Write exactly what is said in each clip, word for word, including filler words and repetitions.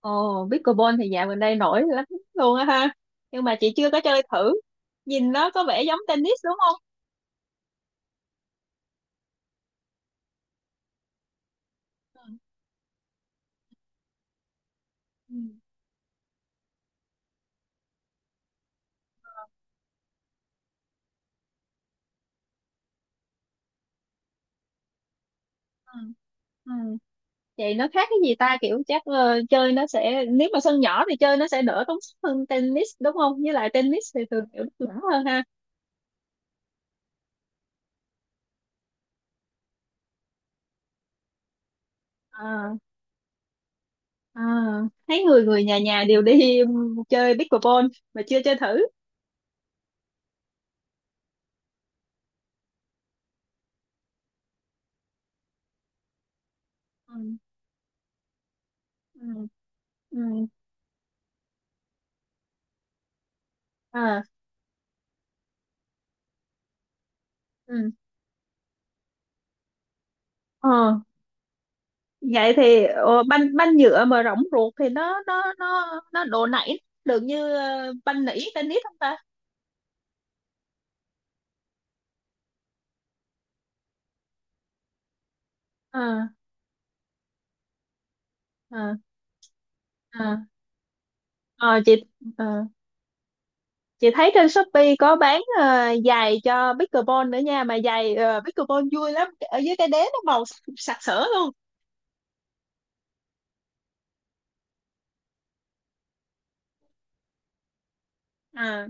Ồ, pickleball thì dạo gần đây nổi lắm luôn á ha. Nhưng mà chị chưa có chơi thử. Nhìn nó có vẻ giống tennis đúng không? Ừ. Ừ. Ừ. Ừ. Vậy nó khác cái gì ta? Kiểu chắc ờ, chơi nó sẽ, nếu mà sân nhỏ thì chơi nó sẽ đỡ tốn sức hơn tennis đúng không? Với lại tennis thì thường kiểu nó nhỏ hơn ha. À, à, thấy người người nhà nhà đều đi ừm, chơi pickleball mà chưa chơi thử. Ừ. Ừ. Ừ. À, ừ. Ờ. Vậy thì ờ, banh banh nhựa mà rỗng ruột thì nó nó nó nó độ nảy được như ờ, banh nỉ tennis không ta? Ờ. Ờ. Ờ. Ờ, chị ờ, chị thấy trên Shopee có bán ờ, giày cho pickleball nữa nha, mà giày ờ, pickleball vui lắm, ở dưới cái đế nó màu sắc- sặc sỡ luôn. À.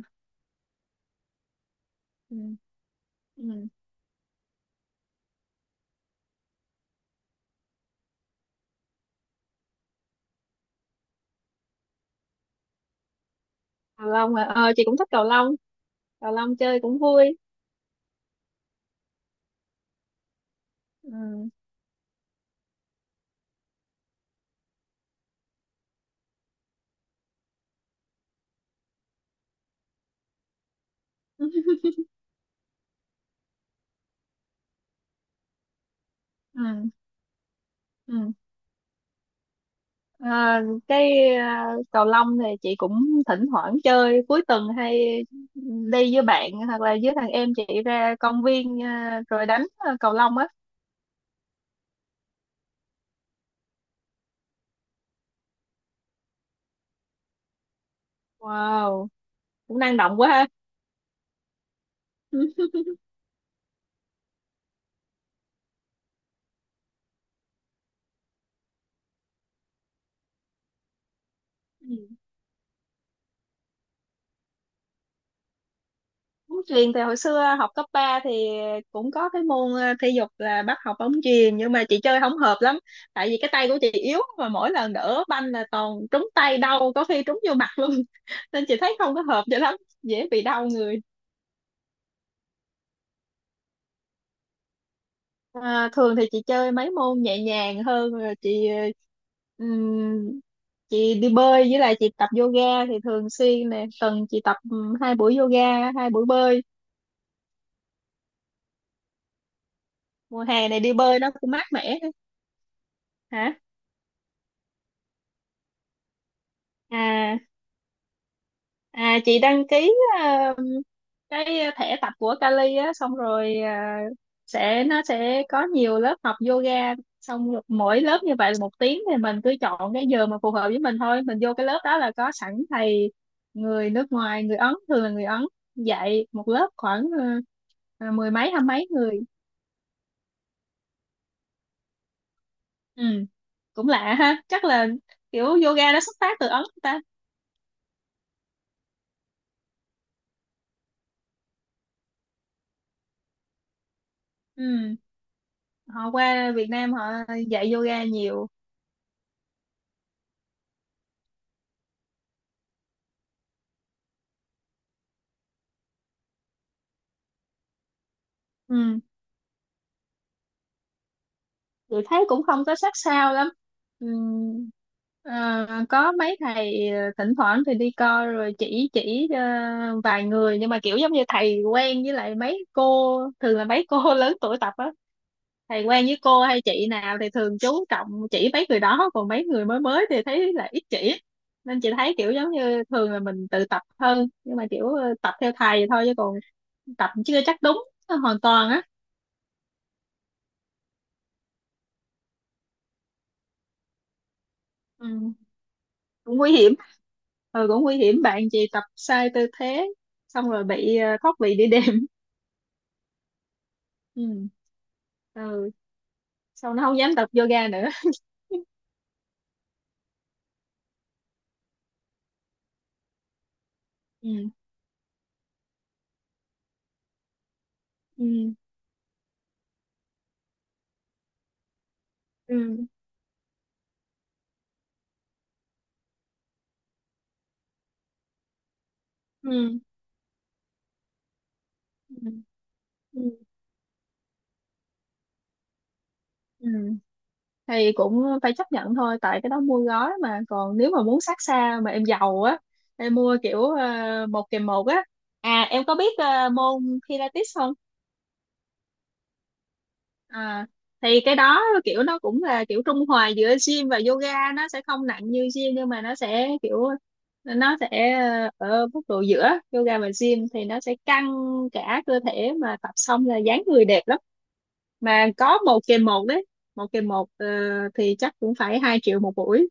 Ừ, ừ. Cầu lông à. ờ chị cũng thích cầu lông. Cầu lông chơi cũng vui. Ừ. Ừ. Ừ. À, cái à, cầu lông thì chị cũng thỉnh thoảng chơi cuối tuần, hay đi với bạn hoặc là với thằng em chị ra công viên à, rồi đánh à, cầu lông á. Wow, cũng năng động quá ha. Ừ. Bóng chuyền thì hồi xưa học cấp ba thì cũng có cái môn à, thể dục là bắt học bóng chuyền, nhưng mà chị chơi không hợp lắm, tại vì cái tay của chị yếu, mà mỗi lần đỡ banh là toàn trúng tay đau, có khi trúng vô mặt luôn. Nên chị thấy không có hợp cho lắm, dễ bị đau người. À, thường thì chị chơi mấy môn nhẹ nhàng hơn, rồi chị ờ, ừm, chị đi bơi, với lại chị tập yoga thì thường xuyên nè, tuần chị tập ừm, hai buổi yoga hai buổi bơi. Mùa hè này đi bơi nó cũng mát mẻ. Hả? À À, chị đăng ký ờ, cái thẻ tập của Kali á, xong rồi ờ, sẽ nó sẽ có nhiều lớp học yoga, xong rồi mỗi lớp như vậy là một tiếng, thì mình cứ chọn cái giờ mà phù hợp với mình thôi, mình vô cái lớp đó là có sẵn thầy người nước ngoài, người Ấn, thường là người Ấn dạy một lớp khoảng ờ, ờ, mười mấy hai mấy người. Ừ. Cũng lạ ha, chắc là kiểu yoga nó xuất phát từ Ấn ta. Ừ. Họ qua Việt Nam họ dạy yoga nhiều. Ừ. Chị thấy cũng không có sát sao lắm. Ừm, ờ, có mấy thầy ờ, thỉnh thoảng thì đi coi rồi chỉ chỉ ờ, vài người, nhưng mà kiểu giống như thầy quen với lại mấy cô, thường là mấy cô lớn tuổi tập á. Thầy quen với cô hay chị nào thì thường chú trọng chỉ mấy người đó, còn mấy người mới mới thì thấy là ít chỉ. Nên chị thấy kiểu giống như thường là mình tự tập hơn, nhưng mà kiểu ờ, tập theo thầy thôi, chứ còn tập chưa chắc đúng hoàn toàn á. Ừ. Cũng nguy hiểm. Ừ, cũng nguy hiểm. Bạn chị tập sai tư thế xong rồi bị ờ, thoát vị đĩa đệm. Ừ. Ừ. Sau nó không dám tập yoga nữa. Ừ. Ừ. Ừ. Ừ. Ừ. Ừ. Ừ. Thì cũng phải chấp nhận thôi, tại cái đó mua gói mà. Còn nếu mà muốn sát xa mà em giàu á, em mua kiểu ờ, một kèm một á. À, em có biết ờ, môn Pilates không? À, thì cái đó kiểu nó cũng là kiểu trung hòa giữa gym và yoga, nó sẽ không nặng như gym, nhưng mà nó sẽ kiểu nó sẽ ờ, ở mức độ giữa yoga và gym thì nó sẽ căng cả cơ thể, mà tập xong là dáng người đẹp lắm. Mà có một kèm một đấy. Một kèm một ờ, thì chắc cũng phải hai triệu một buổi.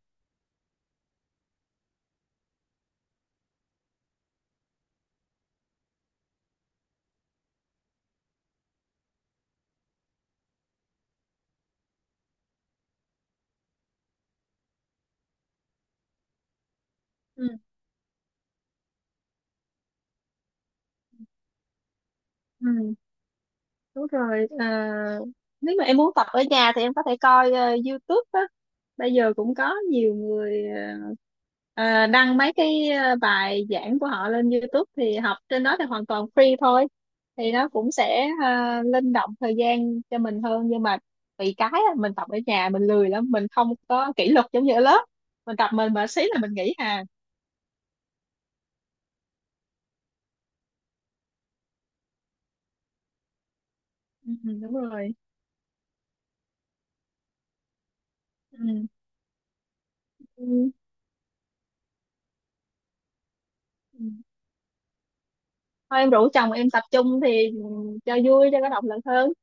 Ừ. Ừ. Đúng rồi. À, nếu mà em muốn tập ở nhà thì em có thể coi ờ, YouTube á. Bây giờ cũng có nhiều người ờ, ờ, đăng mấy cái ờ, bài giảng của họ lên YouTube, thì học trên đó thì hoàn toàn free thôi. Thì nó cũng sẽ ờ, linh động thời gian cho mình hơn, nhưng mà bị cái á, mình tập ở nhà mình lười lắm, mình không có kỷ luật giống như ở lớp. Mình tập mình mà xí là mình nghỉ hà. Ừ, đúng rồi. Ừ. Ừ. Thôi em rủ chồng em tập trung thì ừ, cho vui cho có động lực hơn.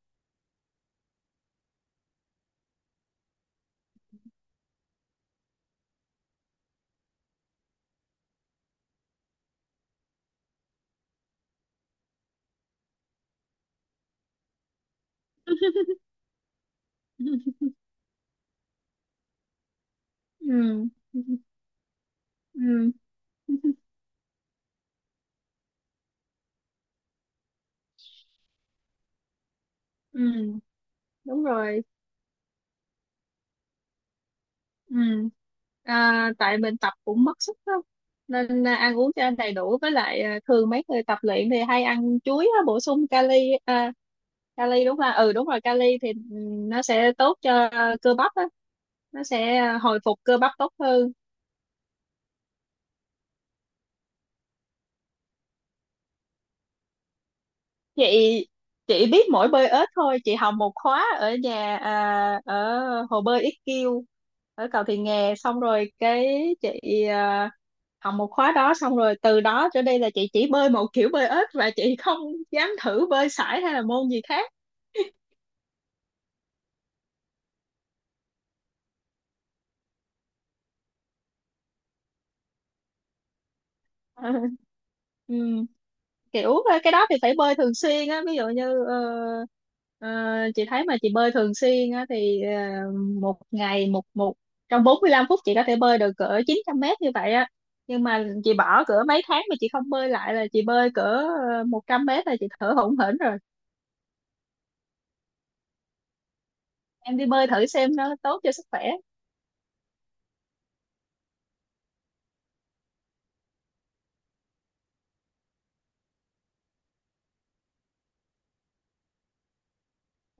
Ừ. Ừ. Ừ. Đúng rồi. Ừ. À, tại mình tập cũng mất sức lắm, nên à, ăn uống cho đầy đủ, với lại à, thường mấy người tập luyện thì hay ăn chuối á, bổ sung kali. À, kali đúng là ừ đúng rồi. Kali thì ừ, nó sẽ tốt cho à, cơ bắp á. Nó sẽ à, hồi phục cơ bắp tốt hơn. Chị chị biết mỗi bơi ếch thôi. Chị học một khóa ở nhà à, ở hồ bơi i quy ở cầu Thị Nghè, xong rồi cái chị à, học một khóa đó, xong rồi từ đó trở đi là chị chỉ bơi một kiểu bơi ếch, và chị không dám thử bơi sải hay là môn gì khác. Ờ. Ừ. Kiểu ờ, cái đó thì phải bơi thường xuyên á. Ví dụ như ờ, ờ, chị thấy mà chị bơi thường xuyên á thì ờ, một ngày một một trong bốn mươi lăm phút chị có thể bơi được cỡ chín trăm mét như vậy á. Nhưng mà chị bỏ cỡ mấy tháng mà chị không bơi lại là chị bơi cỡ ờ, một trăm mét là chị thở hổn hển rồi. Em đi bơi thử xem, nó tốt cho sức khỏe.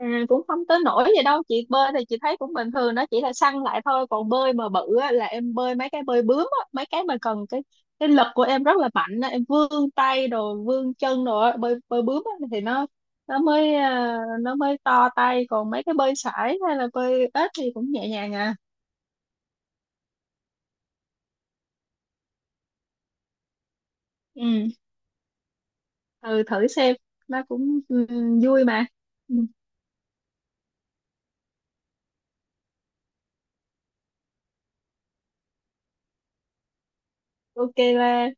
À, cũng không tới nỗi gì đâu. Chị bơi thì chị thấy cũng bình thường, nó chỉ là săn lại thôi. Còn bơi mà bự á, là em bơi mấy cái bơi bướm á, mấy cái mà cần cái cái lực của em rất là mạnh á, em vươn tay rồi vươn chân rồi á, bơi bơi bướm á, thì nó nó mới à, nó mới to tay. Còn mấy cái bơi sải hay là bơi ếch thì cũng nhẹ nhàng à. Ừ. Ừ, thử xem. Nó cũng ừ, vui mà. Ừ, ok là